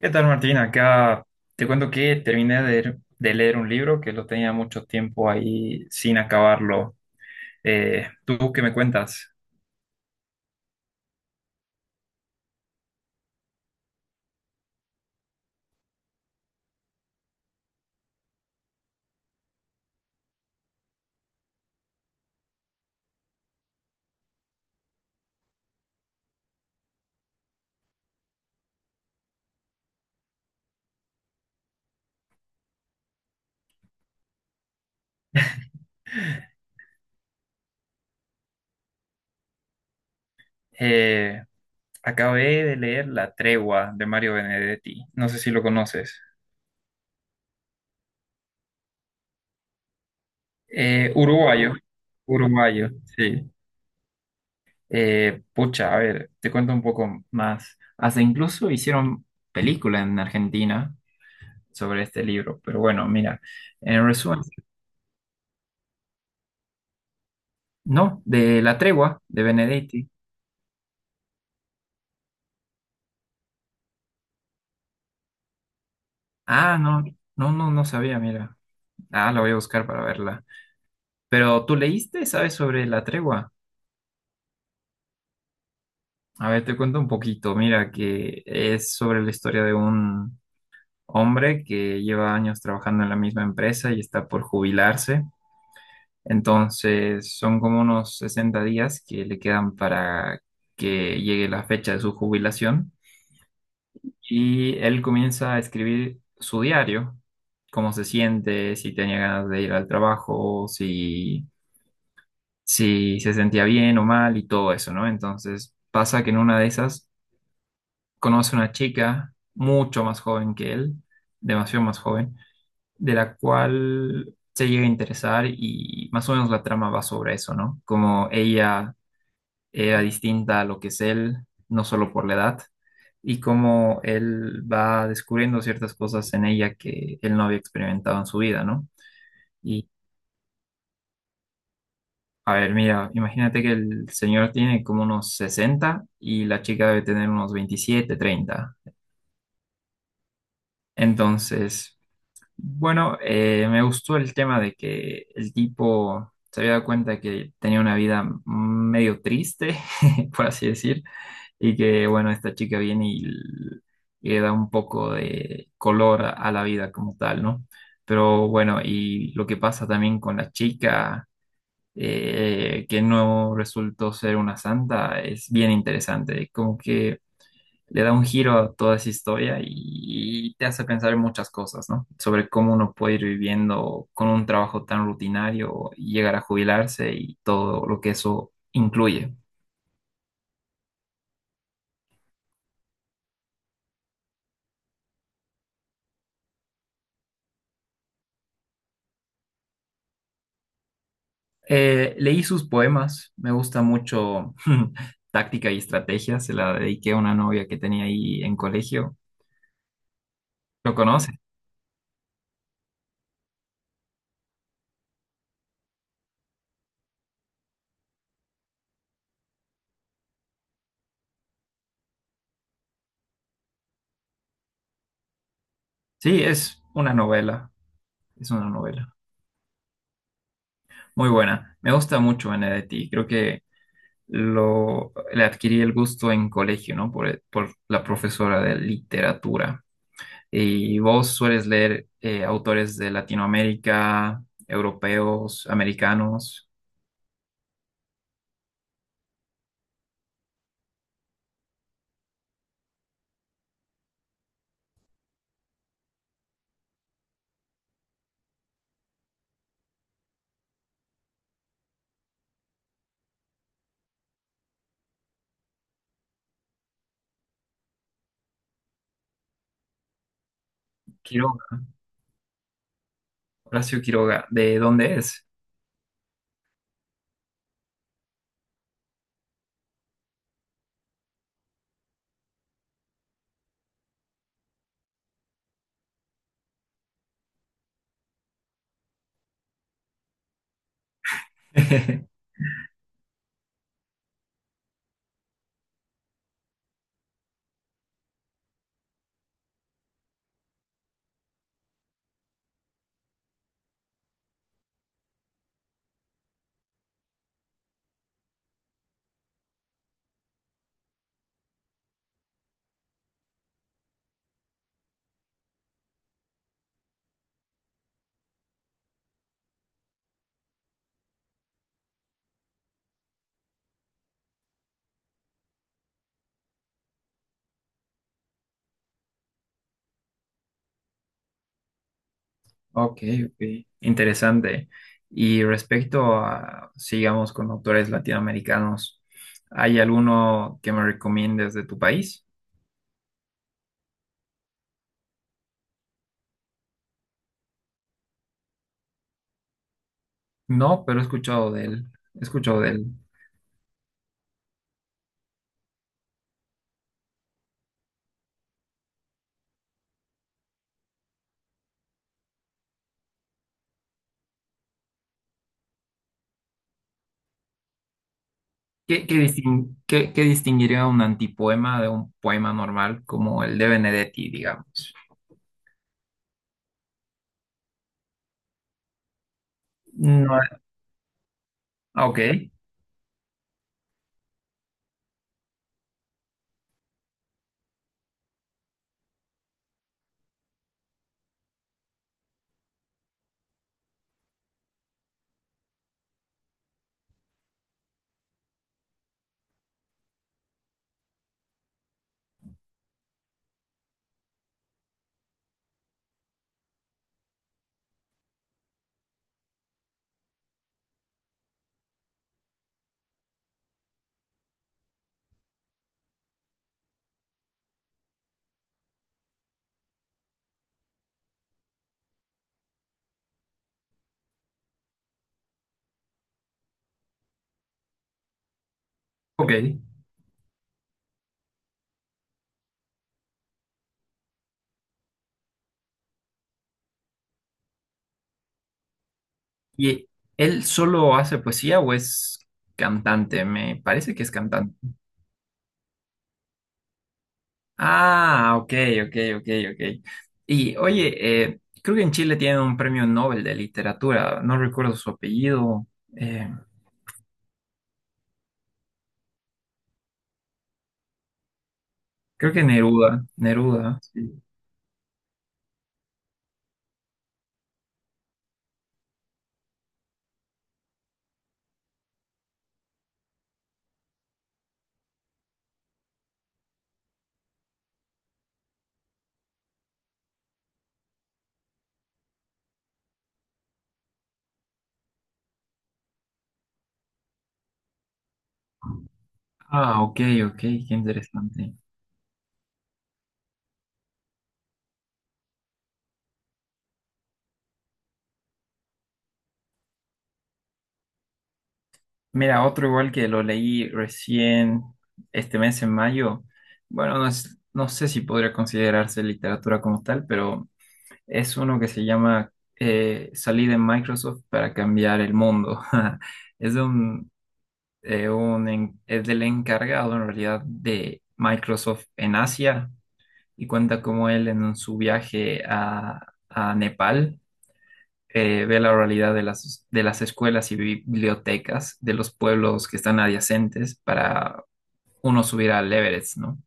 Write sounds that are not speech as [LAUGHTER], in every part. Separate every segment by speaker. Speaker 1: ¿Qué tal, Martín? Acá te cuento que terminé de leer un libro que lo tenía mucho tiempo ahí sin acabarlo. ¿Tú qué me cuentas? [LAUGHS] Eh, Acabé de leer La Tregua de Mario Benedetti. No sé si lo conoces. Uruguayo. Uruguayo, sí. Pucha, a ver, te cuento un poco más. Hasta incluso hicieron película en Argentina sobre este libro, pero bueno, mira, en resumen. No, de La Tregua, de Benedetti. Ah, no, no, no, no sabía, mira. Ah, la voy a buscar para verla. Pero tú leíste, ¿sabes sobre La Tregua? A ver, te cuento un poquito. Mira, que es sobre la historia de un hombre que lleva años trabajando en la misma empresa y está por jubilarse. Entonces, son como unos 60 días que le quedan para que llegue la fecha de su jubilación. Y él comienza a escribir su diario, cómo se siente, si tenía ganas de ir al trabajo, si se sentía bien o mal y todo eso, ¿no? Entonces pasa que en una de esas conoce una chica mucho más joven que él, demasiado más joven, de la cual se llega a interesar y más o menos la trama va sobre eso, ¿no? Como ella era distinta a lo que es él, no solo por la edad, y cómo él va descubriendo ciertas cosas en ella que él no había experimentado en su vida, ¿no? Y, a ver, mira, imagínate que el señor tiene como unos 60 y la chica debe tener unos 27 30. Entonces, bueno, me gustó el tema de que el tipo se había dado cuenta que tenía una vida medio triste, [LAUGHS] por así decir, y que, bueno, esta chica viene y le da un poco de color a la vida como tal, ¿no? Pero bueno, y lo que pasa también con la chica, que no resultó ser una santa, es bien interesante, como que le da un giro a toda esa historia y te hace pensar en muchas cosas, ¿no? Sobre cómo uno puede ir viviendo con un trabajo tan rutinario y llegar a jubilarse y todo lo que eso incluye. Leí sus poemas, me gusta mucho [LAUGHS] Táctica y Estrategia, se la dediqué a una novia que tenía ahí en colegio. ¿Lo conoce? Sí, es una novela, es una novela. Muy buena. Me gusta mucho Benedetti. Creo que le adquirí el gusto en colegio, ¿no? Por la profesora de literatura. ¿Y vos sueles leer autores de Latinoamérica, europeos, americanos? Quiroga, Horacio Quiroga, ¿de dónde es? [LAUGHS] Ok, ok, interesante. Y respecto a, sigamos con autores latinoamericanos, ¿hay alguno que me recomiendes de tu país? No, pero he escuchado de él, he escuchado de él. ¿Qué distinguiría un antipoema de un poema normal como el de Benedetti, digamos? No, ah, ok, ok. ¿Y él solo hace poesía o es cantante? Me parece que es cantante. Ah, ok, ok, ok, ok. Y oye, creo que en Chile tienen un premio Nobel de literatura, no recuerdo su apellido, eh, creo que Neruda, Neruda. Sí. Ah, ok, ok, qué interesante. Mira, otro igual que lo leí recién este mes en mayo. Bueno, no, es- no sé si podría considerarse literatura como tal, pero es uno que se llama Salí de Microsoft para cambiar el mundo. [LAUGHS] Es de un en- es del encargado en realidad de Microsoft en Asia y cuenta cómo él en su viaje a Nepal ve la oralidad de las escuelas y bibliotecas de los pueblos que están adyacentes para uno subir al Everest, ¿no?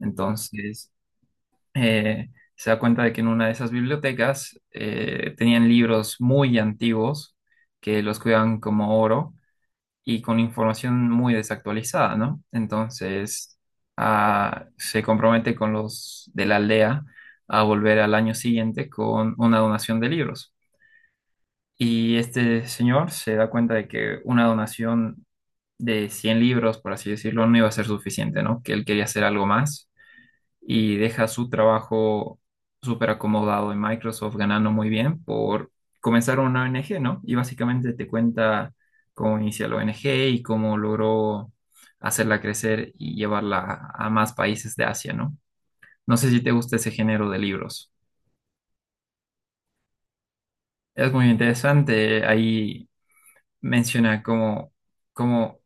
Speaker 1: Entonces, eh, se da cuenta de que en una de esas bibliotecas tenían libros muy antiguos que los cuidaban como oro y con información muy desactualizada, ¿no? Entonces, ah, se compromete con los de la aldea a volver al año siguiente con una donación de libros. Y este señor se da cuenta de que una donación de 100 libros, por así decirlo, no iba a ser suficiente, ¿no? Que él quería hacer algo más y deja su trabajo súper acomodado en Microsoft, ganando muy bien por comenzar una ONG, ¿no? Y básicamente te cuenta cómo inicia la ONG y cómo logró hacerla crecer y llevarla a más países de Asia, ¿no? No sé si te gusta ese género de libros. Es muy interesante. Ahí menciona cómo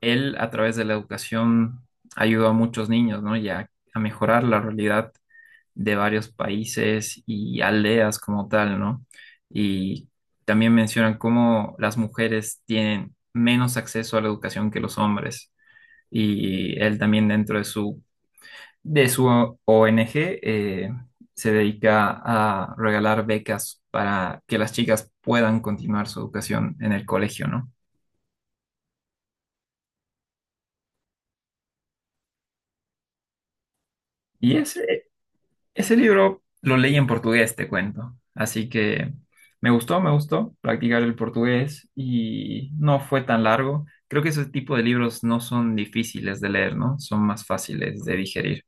Speaker 1: él a través de la educación ayudó a muchos niños, ¿no? Y a mejorar la realidad de varios países y aldeas como tal, ¿no? Y también mencionan cómo las mujeres tienen menos acceso a la educación que los hombres. Y él también dentro de su ONG eh, se dedica a regalar becas para que las chicas puedan continuar su educación en el colegio, ¿no? Y ese libro lo leí en portugués, te cuento. Así que me gustó practicar el portugués y no fue tan largo. Creo que ese tipo de libros no son difíciles de leer, ¿no? Son más fáciles de digerir.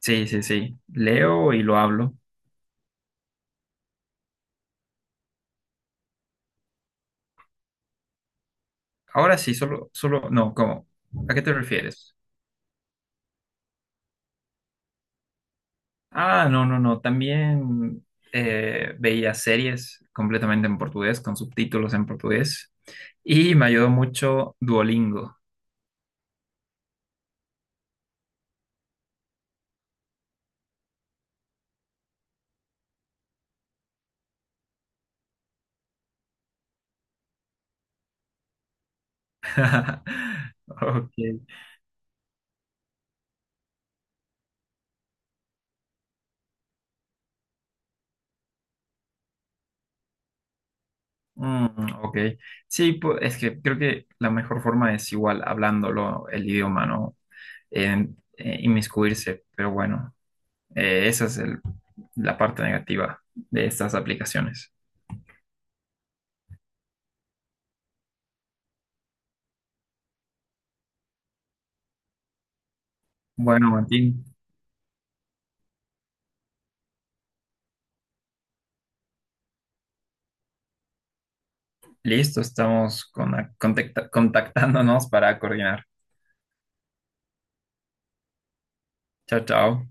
Speaker 1: Sí, sí, sí. Leo y lo hablo. Ahora sí, solo, no, ¿cómo? ¿A qué te refieres? Ah, no, no, no. También veía series completamente en portugués, con subtítulos en portugués. Y me ayudó mucho Duolingo. [LAUGHS] Ok. Mm, ok. Sí, es que creo que la mejor forma es igual hablándolo el idioma, ¿no? Inmiscuirse, pero bueno, esa es la parte negativa de estas aplicaciones. Bueno, Martín, listo, estamos contactándonos para coordinar. Chao, chao.